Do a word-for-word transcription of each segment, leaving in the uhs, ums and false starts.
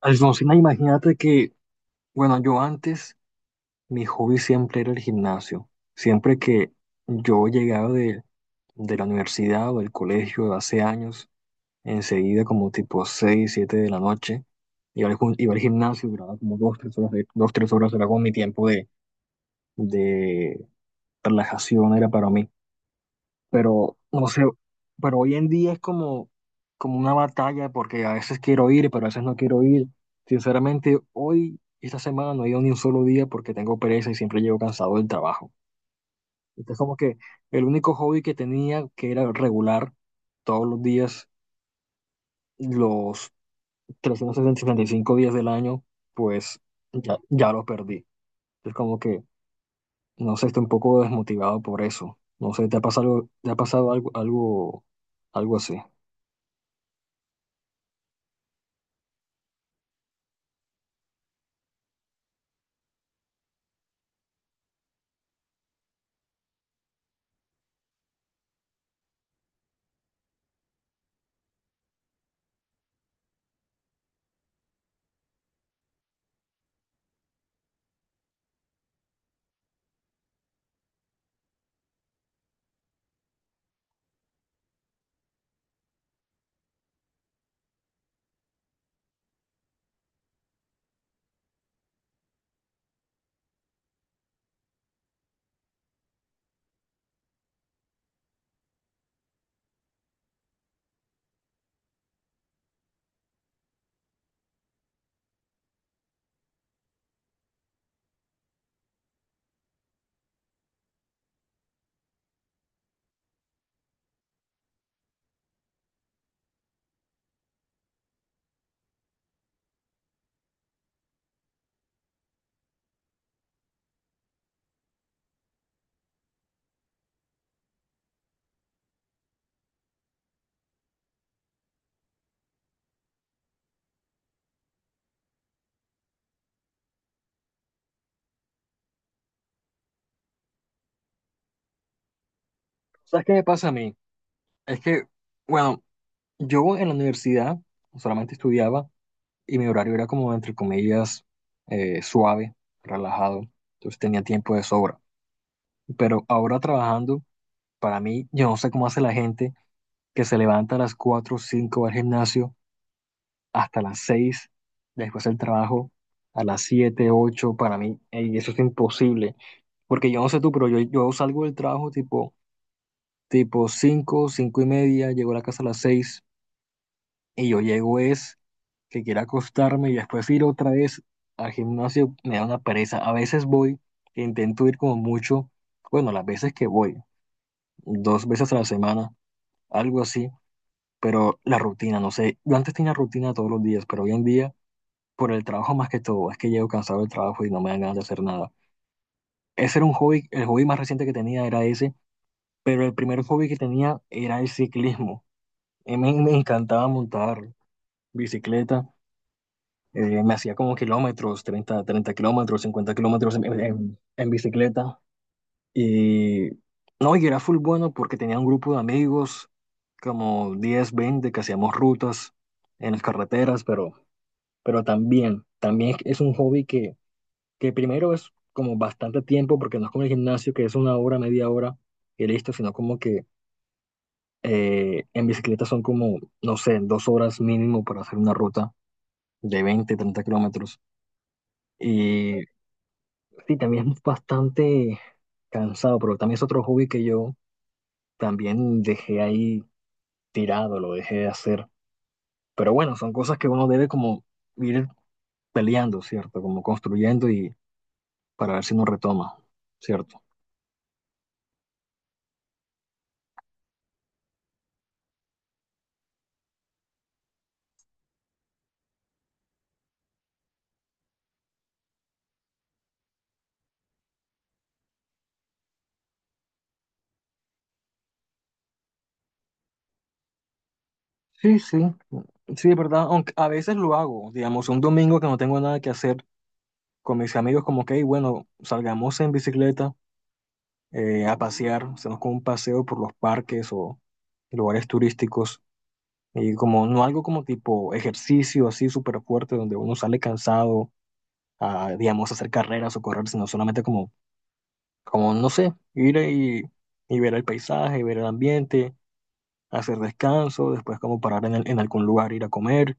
Alfonsina, imagínate que, bueno, yo antes, mi hobby siempre era el gimnasio. Siempre que yo llegaba de, de la universidad o del colegio hace años, enseguida como tipo seis siete de la noche, iba al, jun- iba al gimnasio, duraba como dos tres horas, de- dos, tres horas, era como mi tiempo de, de relajación, era para mí, pero no sé, pero hoy en día es como, como una batalla porque a veces quiero ir, pero a veces no quiero ir. Sinceramente, hoy, esta semana, no he ido ni un solo día porque tengo pereza y siempre llego cansado del trabajo. Entonces, como que el único hobby que tenía, que era regular, todos los días, los trescientos sesenta y cinco días del año, pues ya, ya lo perdí. Entonces, como que, no sé, estoy un poco desmotivado por eso. No sé, ¿te ha pasado, te ha pasado algo, algo, algo así? ¿Sabes qué me pasa a mí? Es que, bueno, yo en la universidad solamente estudiaba y mi horario era como, entre comillas, eh, suave, relajado. Entonces tenía tiempo de sobra. Pero ahora trabajando, para mí, yo no sé cómo hace la gente que se levanta a las cuatro o cinco al gimnasio hasta las seis después del trabajo a las siete ocho. Para mí, ey, eso es imposible. Porque yo no sé tú, pero yo, yo salgo del trabajo tipo, tipo cinco cinco y media, llego a la casa a las seis y yo llego es que quiero acostarme y después ir otra vez al gimnasio me da una pereza. A veces voy, que intento ir como mucho, bueno, las veces que voy, dos veces a la semana, algo así, pero la rutina, no sé, yo antes tenía rutina todos los días, pero hoy en día, por el trabajo más que todo, es que llego cansado del trabajo y no me dan ganas de hacer nada. Ese era un hobby, el hobby más reciente que tenía era ese, pero el primer hobby que tenía era el ciclismo. Y me, me encantaba montar bicicleta. Eh, me hacía como kilómetros, treinta treinta kilómetros, cincuenta kilómetros en, en- en bicicleta. Y no, y era full bueno porque tenía un grupo de amigos, como diez veinte que hacíamos rutas en las carreteras, pero, pero también, también es un hobby que, que primero es como bastante tiempo, porque no es como el gimnasio, que es una hora, media hora y listo, sino como que eh, en bicicleta son como, no sé, dos horas mínimo para hacer una ruta de veinte treinta kilómetros. Y sí, también es bastante cansado, pero también es otro hobby que yo también dejé ahí tirado, lo dejé de hacer. Pero bueno, son cosas que uno debe como ir peleando, ¿cierto? Como construyendo y para ver si uno retoma, ¿cierto? Sí, sí, sí, es verdad. Aunque a veces lo hago, digamos, un domingo que no tengo nada que hacer con mis amigos, como que, "Hey, bueno, salgamos en bicicleta eh, a pasear, hacemos como un paseo por los parques o lugares turísticos. Y como no algo como tipo ejercicio así súper fuerte donde uno sale cansado a, digamos, hacer carreras o correr, sino solamente como, como no sé, ir y, y ver el paisaje, ver el ambiente, hacer descanso, después como parar en, el- en algún lugar, ir a comer,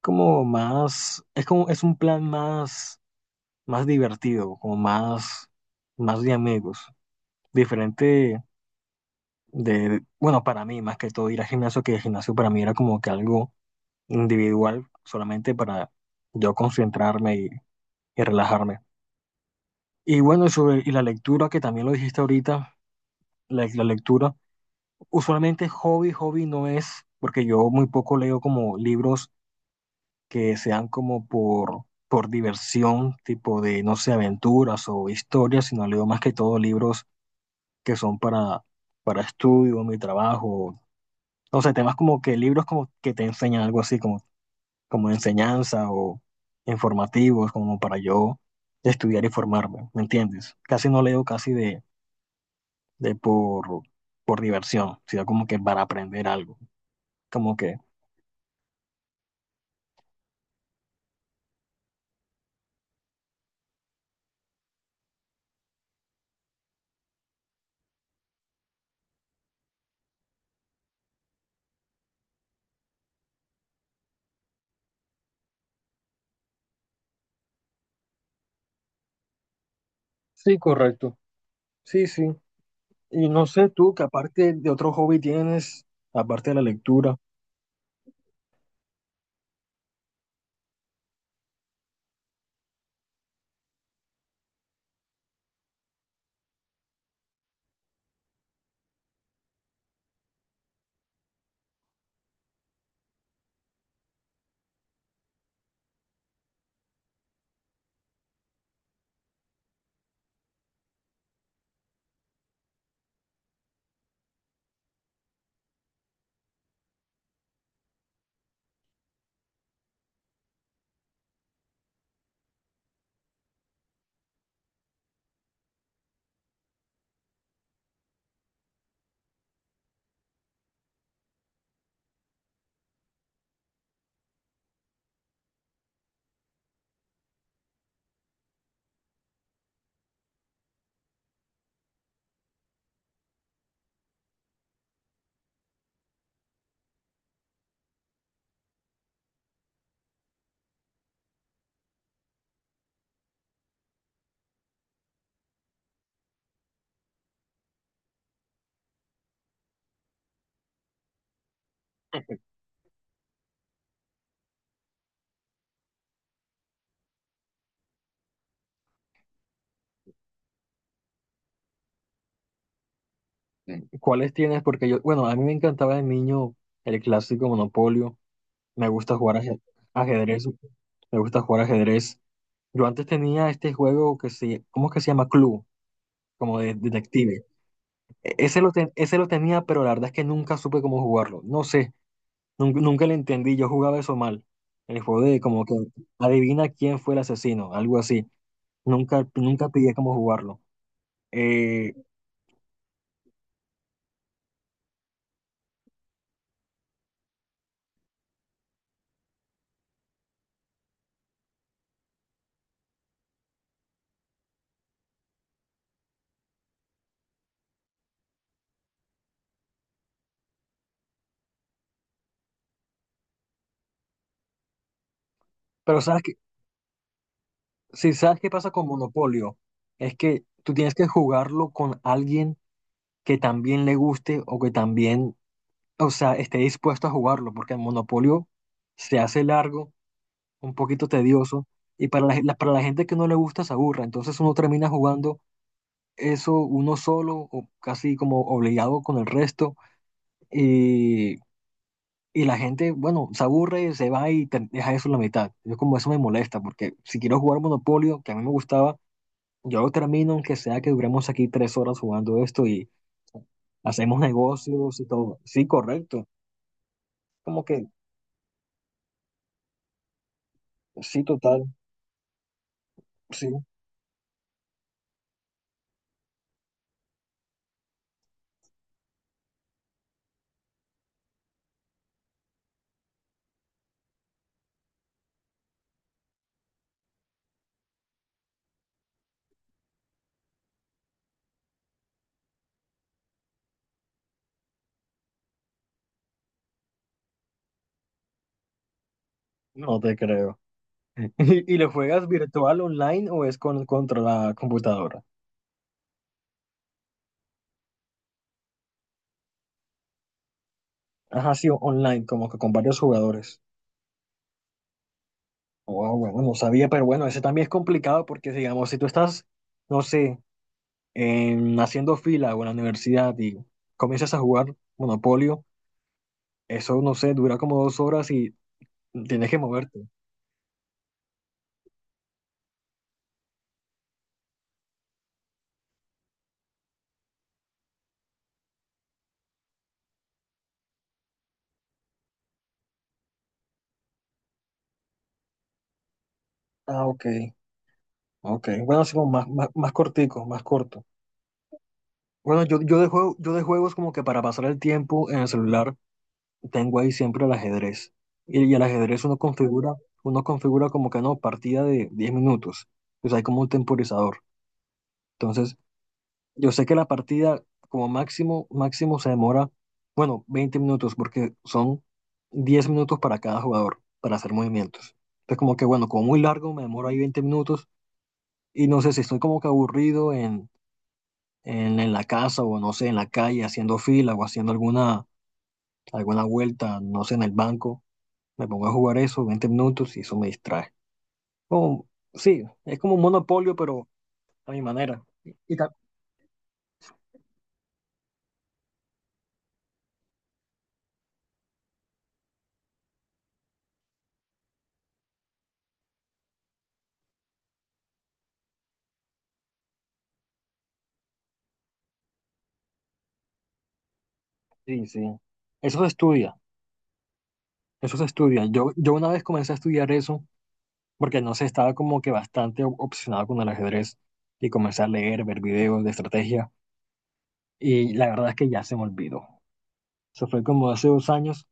como más, es como, es un plan más, más divertido, como más, más de amigos, diferente de, bueno, para mí más que todo ir al gimnasio, que el gimnasio para mí era como que algo individual solamente para yo concentrarme y, y relajarme. Y bueno, sobre, y la lectura, que también lo dijiste ahorita, la, la lectura, usualmente hobby, hobby no es, porque yo muy poco leo como libros que sean como por, por diversión, tipo de, no sé, aventuras o historias, sino leo más que todo libros que son para, para estudio, mi trabajo, no sé, temas como que libros como que te enseñan algo así, como como enseñanza o informativos, como para yo estudiar y formarme, ¿me entiendes? Casi no leo casi de, de por, por diversión, sino como que para aprender algo, como que... Sí, correcto. Sí, sí. Y no sé tú, que aparte de otro hobby tienes, aparte de la lectura. Sí. ¿Cuáles tienes? Porque yo, bueno, a mí me encantaba de niño el clásico Monopolio. Me gusta jugar aje- ajedrez. Me gusta jugar ajedrez. Yo antes tenía este juego que se, ¿cómo es que se llama? Club, como de detective. E- Ese lo, ten- ese lo tenía, pero la verdad es que nunca supe cómo jugarlo. No sé, nunca, nunca le entendí. Yo jugaba eso mal. El juego de como que adivina quién fue el asesino, algo así. Nunca, nunca pillé cómo jugarlo. Eh, pero sabes que, si sabes qué pasa con Monopolio, es que tú tienes que jugarlo con alguien que también le guste o que también, o sea, esté dispuesto a jugarlo, porque el Monopolio se hace largo, un poquito tedioso, y para la, gen- la- para la gente que no le gusta se aburra. Entonces uno termina jugando eso uno solo o casi como obligado con el resto y, y la gente, bueno, se aburre, se va y te- deja eso en la mitad. Yo como eso me molesta porque si quiero jugar Monopolio, que a mí me gustaba, yo lo termino aunque sea que duremos aquí tres horas jugando esto y hacemos negocios y todo. Sí, correcto. Como que sí, total, sí, no te creo. ¿Y, y lo juegas virtual online o es con, contra la computadora? Ajá, sí, online, como que con varios jugadores. Wow, bueno, no sabía, pero bueno, ese también es complicado porque, digamos, si tú estás, no sé, en- haciendo fila o en la universidad y comienzas a jugar Monopolio, eso, no sé, dura como dos horas y tienes que moverte. Ah, ok, ok. Bueno, así como más, más, más cortico, más corto. Bueno, yo, yo de juego, yo de juegos como que para pasar el tiempo en el celular tengo ahí siempre el ajedrez. Y, y el ajedrez uno configura, uno configura como que no, partida de diez minutos. Pues hay como un temporizador. Entonces, yo sé que la partida como máximo, máximo se demora, bueno, veinte minutos, porque son diez minutos para cada jugador, para hacer movimientos. Entonces, como que bueno, como muy largo, me demoro ahí veinte minutos. Y no sé si estoy como que aburrido en, en, en la casa o no sé, en la calle, haciendo fila o haciendo alguna, alguna vuelta, no sé, en el banco. Me pongo a jugar eso veinte minutos y eso me distrae. Como, sí, es como un monopolio, pero a mi manera. Y, y ta- sí, sí. Eso se estudia, eso se estudia. Yo, yo una vez comencé a estudiar eso porque no sé, estaba como que bastante ob- obsesionado con el ajedrez y comencé a leer, ver videos de estrategia y la verdad es que ya se me olvidó. Eso fue como hace dos años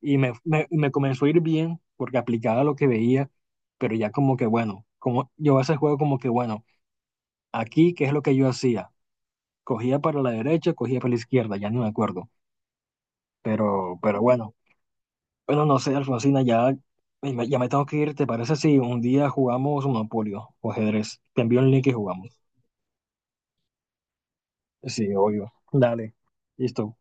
y me, me, me comenzó a ir bien porque aplicaba lo que veía, pero ya como que bueno, como yo a ese juego como que bueno, aquí, ¿qué es lo que yo hacía? Cogía para la derecha, cogía para la izquierda, ya no me acuerdo. Pero, pero bueno, bueno, no sé, Alfonsina, ya, eh, me- ya me tengo que ir. ¿Te parece si un día jugamos Monopolio o ajedrez? Te envío el link y jugamos. Sí, obvio. Dale. Listo.